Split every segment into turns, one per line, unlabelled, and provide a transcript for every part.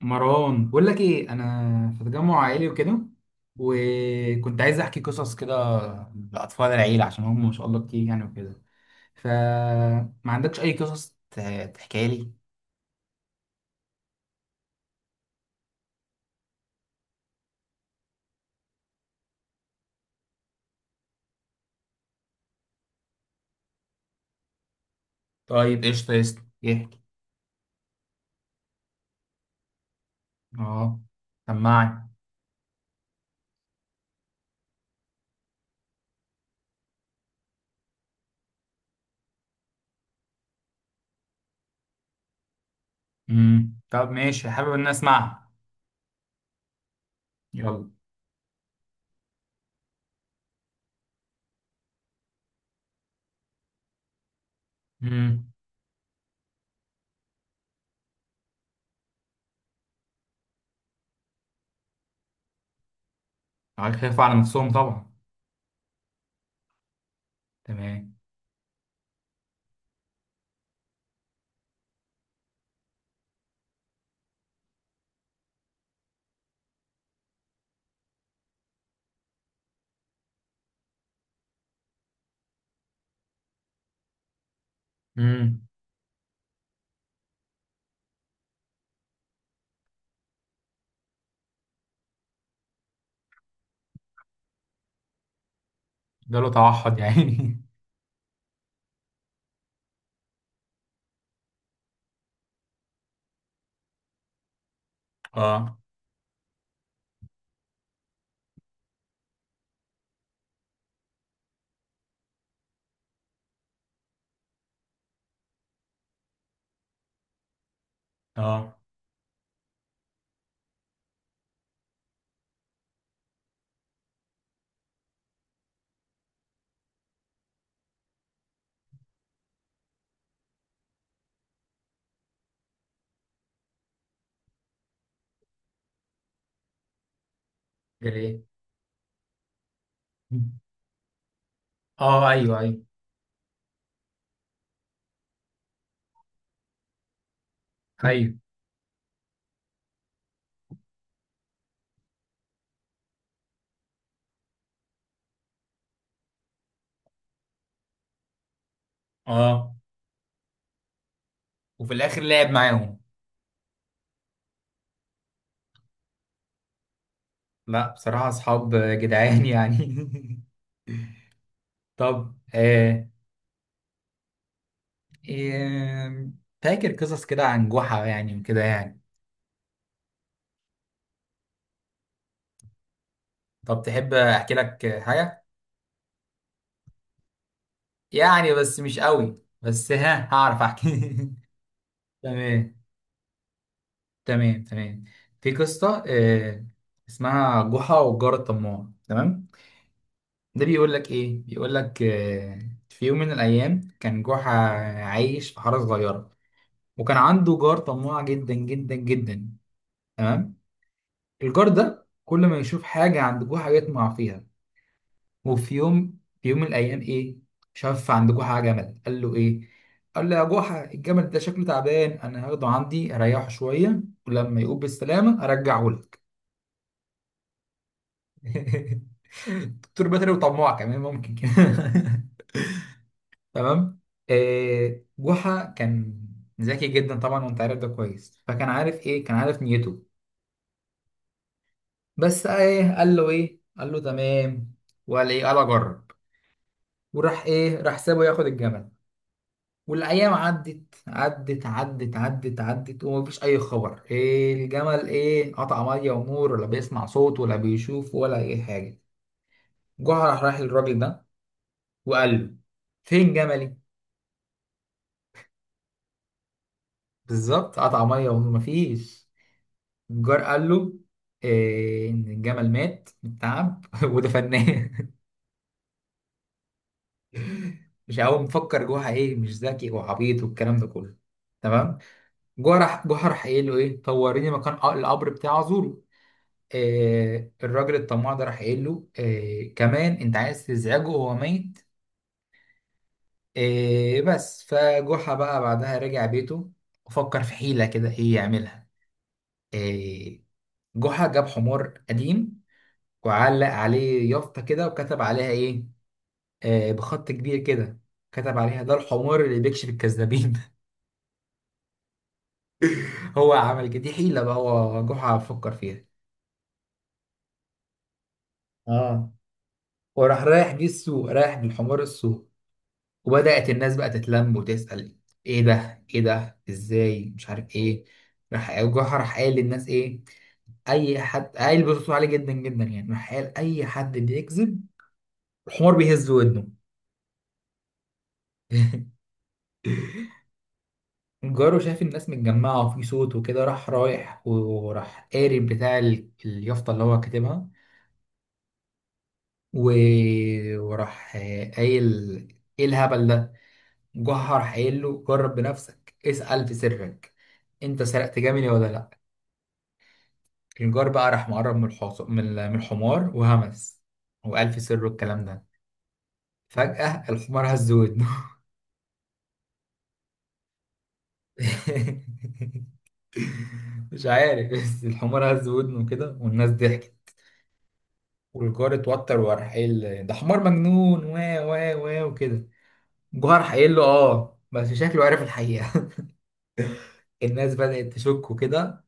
مروان، بقول لك ايه، انا في تجمع عائلي وكده. وكنت عايز احكي قصص كده لاطفال العيله، عشان هم ما شاء الله كتير يعني وكده. فما عندكش اي قصص تحكيها لي؟ طيب ايش، طيب يحكي. اه، سمعني. امم، طب ماشي، حابب ان أنا اسمعها. يلا. امم. عارف، خايفوا على نفسهم طبعا. تمام. امم. ده له توحد يعني. اه. اه، جري. اه، ايوه ايوه. ايوه. اه. وفي الاخر لعب معاهم. لا بصراحة اصحاب جدعان يعني. طب آه. آه، فاكر قصص كده عن جحا يعني وكده يعني. طب تحب احكي لك حاجة؟ يعني بس مش قوي، بس ها هعرف احكي. تمام تمام تمام. في قصة آه، اسمها جحا والجار الطماع. تمام. ده بيقول لك ايه، بيقول لك آه: في يوم من الايام كان جحا عايش في حارة صغيرة، وكان عنده جار طماع جدا جدا جدا. تمام. الجار ده كل ما يشوف حاجة عند جوه حاجة يطمع فيها. وفي يوم في يوم من الأيام إيه، شاف عند جوه حاجة جمل. قال له إيه، قال له: يا جوحة، الجمل ده شكله تعبان، أنا هاخده عندي أريحه شوية، ولما يقوم بالسلامة أرجعه لك. دكتور بيطري وطماع كمان ممكن كده. تمام. آه، جحا كان ذكي جدا طبعا وانت عارف ده كويس، فكان عارف ايه، كان عارف نيته. بس ايه، قال له ايه، قال له تمام. وقال ايه، قال اجرب. وراح ايه راح سابه ياخد الجمل. والايام عدت عدت عدت عدت عدت ومفيش اي خبر. إيه الجمل ايه قطع ميه ونور، ولا بيسمع صوت ولا بيشوف ولا اي حاجه. جه راح للراجل ده وقال له: فين جملي؟ بالظبط، قطع ميه ونور مفيش. الجار قال له إيه، ان الجمل مات من التعب ودفناه. مش هو مفكر جوه ايه، مش ذكي وعبيط والكلام ده كله. تمام. جوه راح قايل له ايه: طوريني مكان القبر بتاع زورو. آه الراجل الطماع ده راح قايل له: آه كمان انت عايز تزعجه، هو ميت. آه بس فجحا بقى بعدها رجع بيته، وفكر في حيلة كده ايه يعملها. آه جحا جاب حمار قديم، وعلق عليه يافطة كده وكتب عليها ايه، آه، بخط كبير كده. كتب عليها: ده الحمار اللي بيكشف الكذابين. هو عمل كده، دي حيلة بقى هو جحا فكر فيها. اه. وراح رايح بيه السوق، رايح بالحمار السوق. وبدأت الناس بقى تتلم وتسأل: ايه ده ايه ده؟ ازاي؟ مش عارف ايه. راح جحا راح قايل للناس ايه: اي حد قايل بصوت عالي جدا جدا يعني، راح قال اي حد بيكذب الحمار بيهز ودنه. جاره شاف الناس متجمعة وفي صوت وكده، راح رايح وراح قاري بتاع اليافطة اللي هو كاتبها، و... وراح قايل: ايه الهبل ده؟ جحا راح قايل له: جرب بنفسك، اسأل في سرك انت سرقت جميلي ولا لا. الجار بقى راح مقرب من من من الحمار وهمس، وقال في سره الكلام ده. فجأة الحمار هز ودنه. مش عارف، بس الحمار هز ودنه كده، والناس ضحكت، والجار اتوتر وراح قايل ده حمار مجنون و و و وكده. الجار راح قايل له اه بس شكله عارف الحقيقة. الناس بدأت تشك وكده،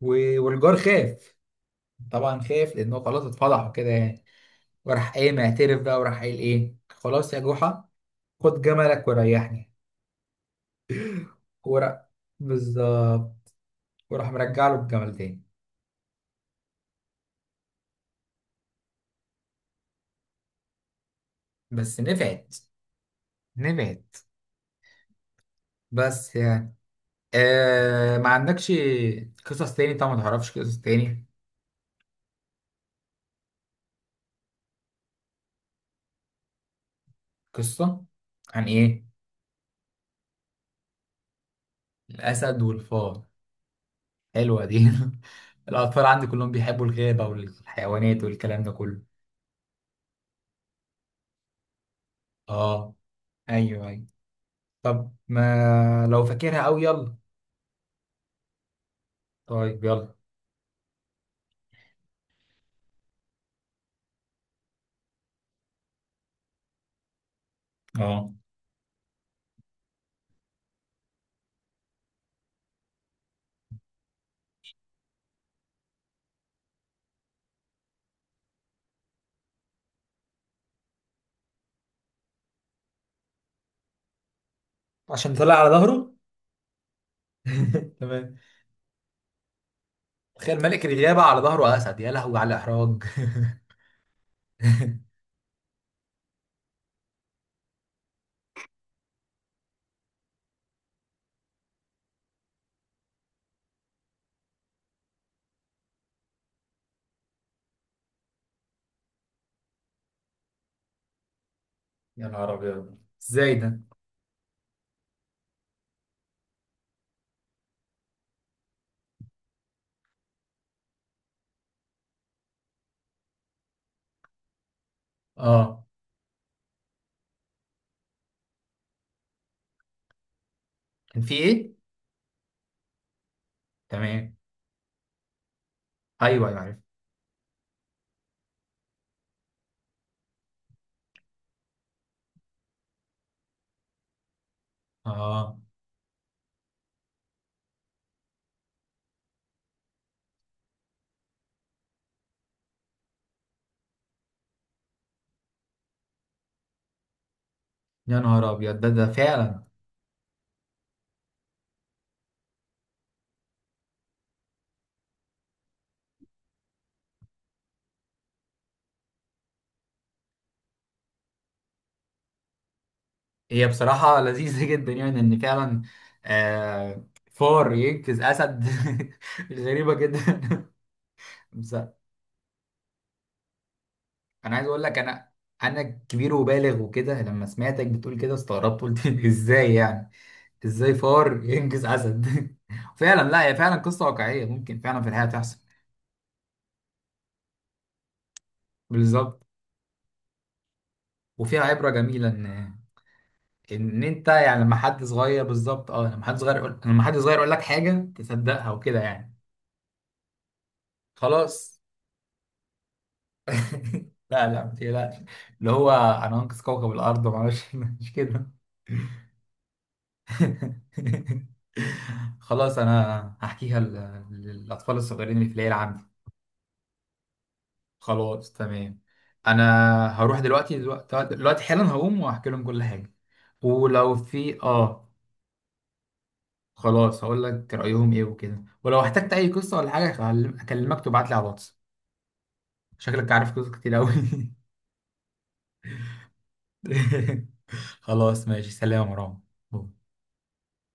والجار خاف. طبعا خاف لأنه خلاص اتفضح وكده يعني. وراح قايم اعترف بقى، وراح قايل ايه: خلاص يا جحا، خد جملك وريحني. ورق. بالظبط. وراح مرجع له الجمل تاني. بس نفعت. نفعت. بس يعني آه، ما عندكش قصص تاني طبعا؟ ما تعرفش قصص تاني؟ قصة عن ايه؟ الأسد والفار. حلوة دي. الأطفال عندي كلهم بيحبوا الغابة والحيوانات والكلام ده كله. اه، ايوه ايوه. طب ما لو فاكرها أوي يلا. طيب يلا. اه عشان طلع على ظهره. تمام. تخيل ملك الغابة على ظهره أسد، يا لهوي على الإحراج. يا نهار ابيض. ازاي ده؟ اه كان في ايه؟ تمام. ايوه ايوه عارف. اه يا نهار ابيض، ده فعلا. هي بصراحة لذيذة جدا يعني، ان فعلا آه فار ينقذ اسد غريبة جدا. بس انا عايز اقول لك: انا كبير وبالغ وكده، لما سمعتك بتقول كده استغربت، قلت ازاي يعني؟ ازاي فار ينجز اسد؟ فعلا، لا هي فعلا قصه واقعيه ممكن فعلا في الحياه تحصل. بالظبط. وفيها عبره جميله ان انت يعني لما حد صغير، بالظبط اه، لما حد صغير يقول، لما حد صغير يقول لك حاجه تصدقها وكده يعني. خلاص. لا لا ما تقلقش. اللي هو انا هنقذ كوكب الارض ما اعرفش، مش كده. خلاص انا هحكيها للاطفال الصغيرين اللي في العيله عندي. خلاص تمام. انا هروح دلوقتي دلوقتي، دلوقتي حالا هقوم وهحكي لهم كل حاجه. ولو في اه، خلاص هقول لك رايهم ايه وكده، ولو احتجت اي قصه ولا حاجه هكلمك تبعت لي على الواتس. شكلك عارف قصص كتير قوي. خلاص ماشي، سلام يا مروان.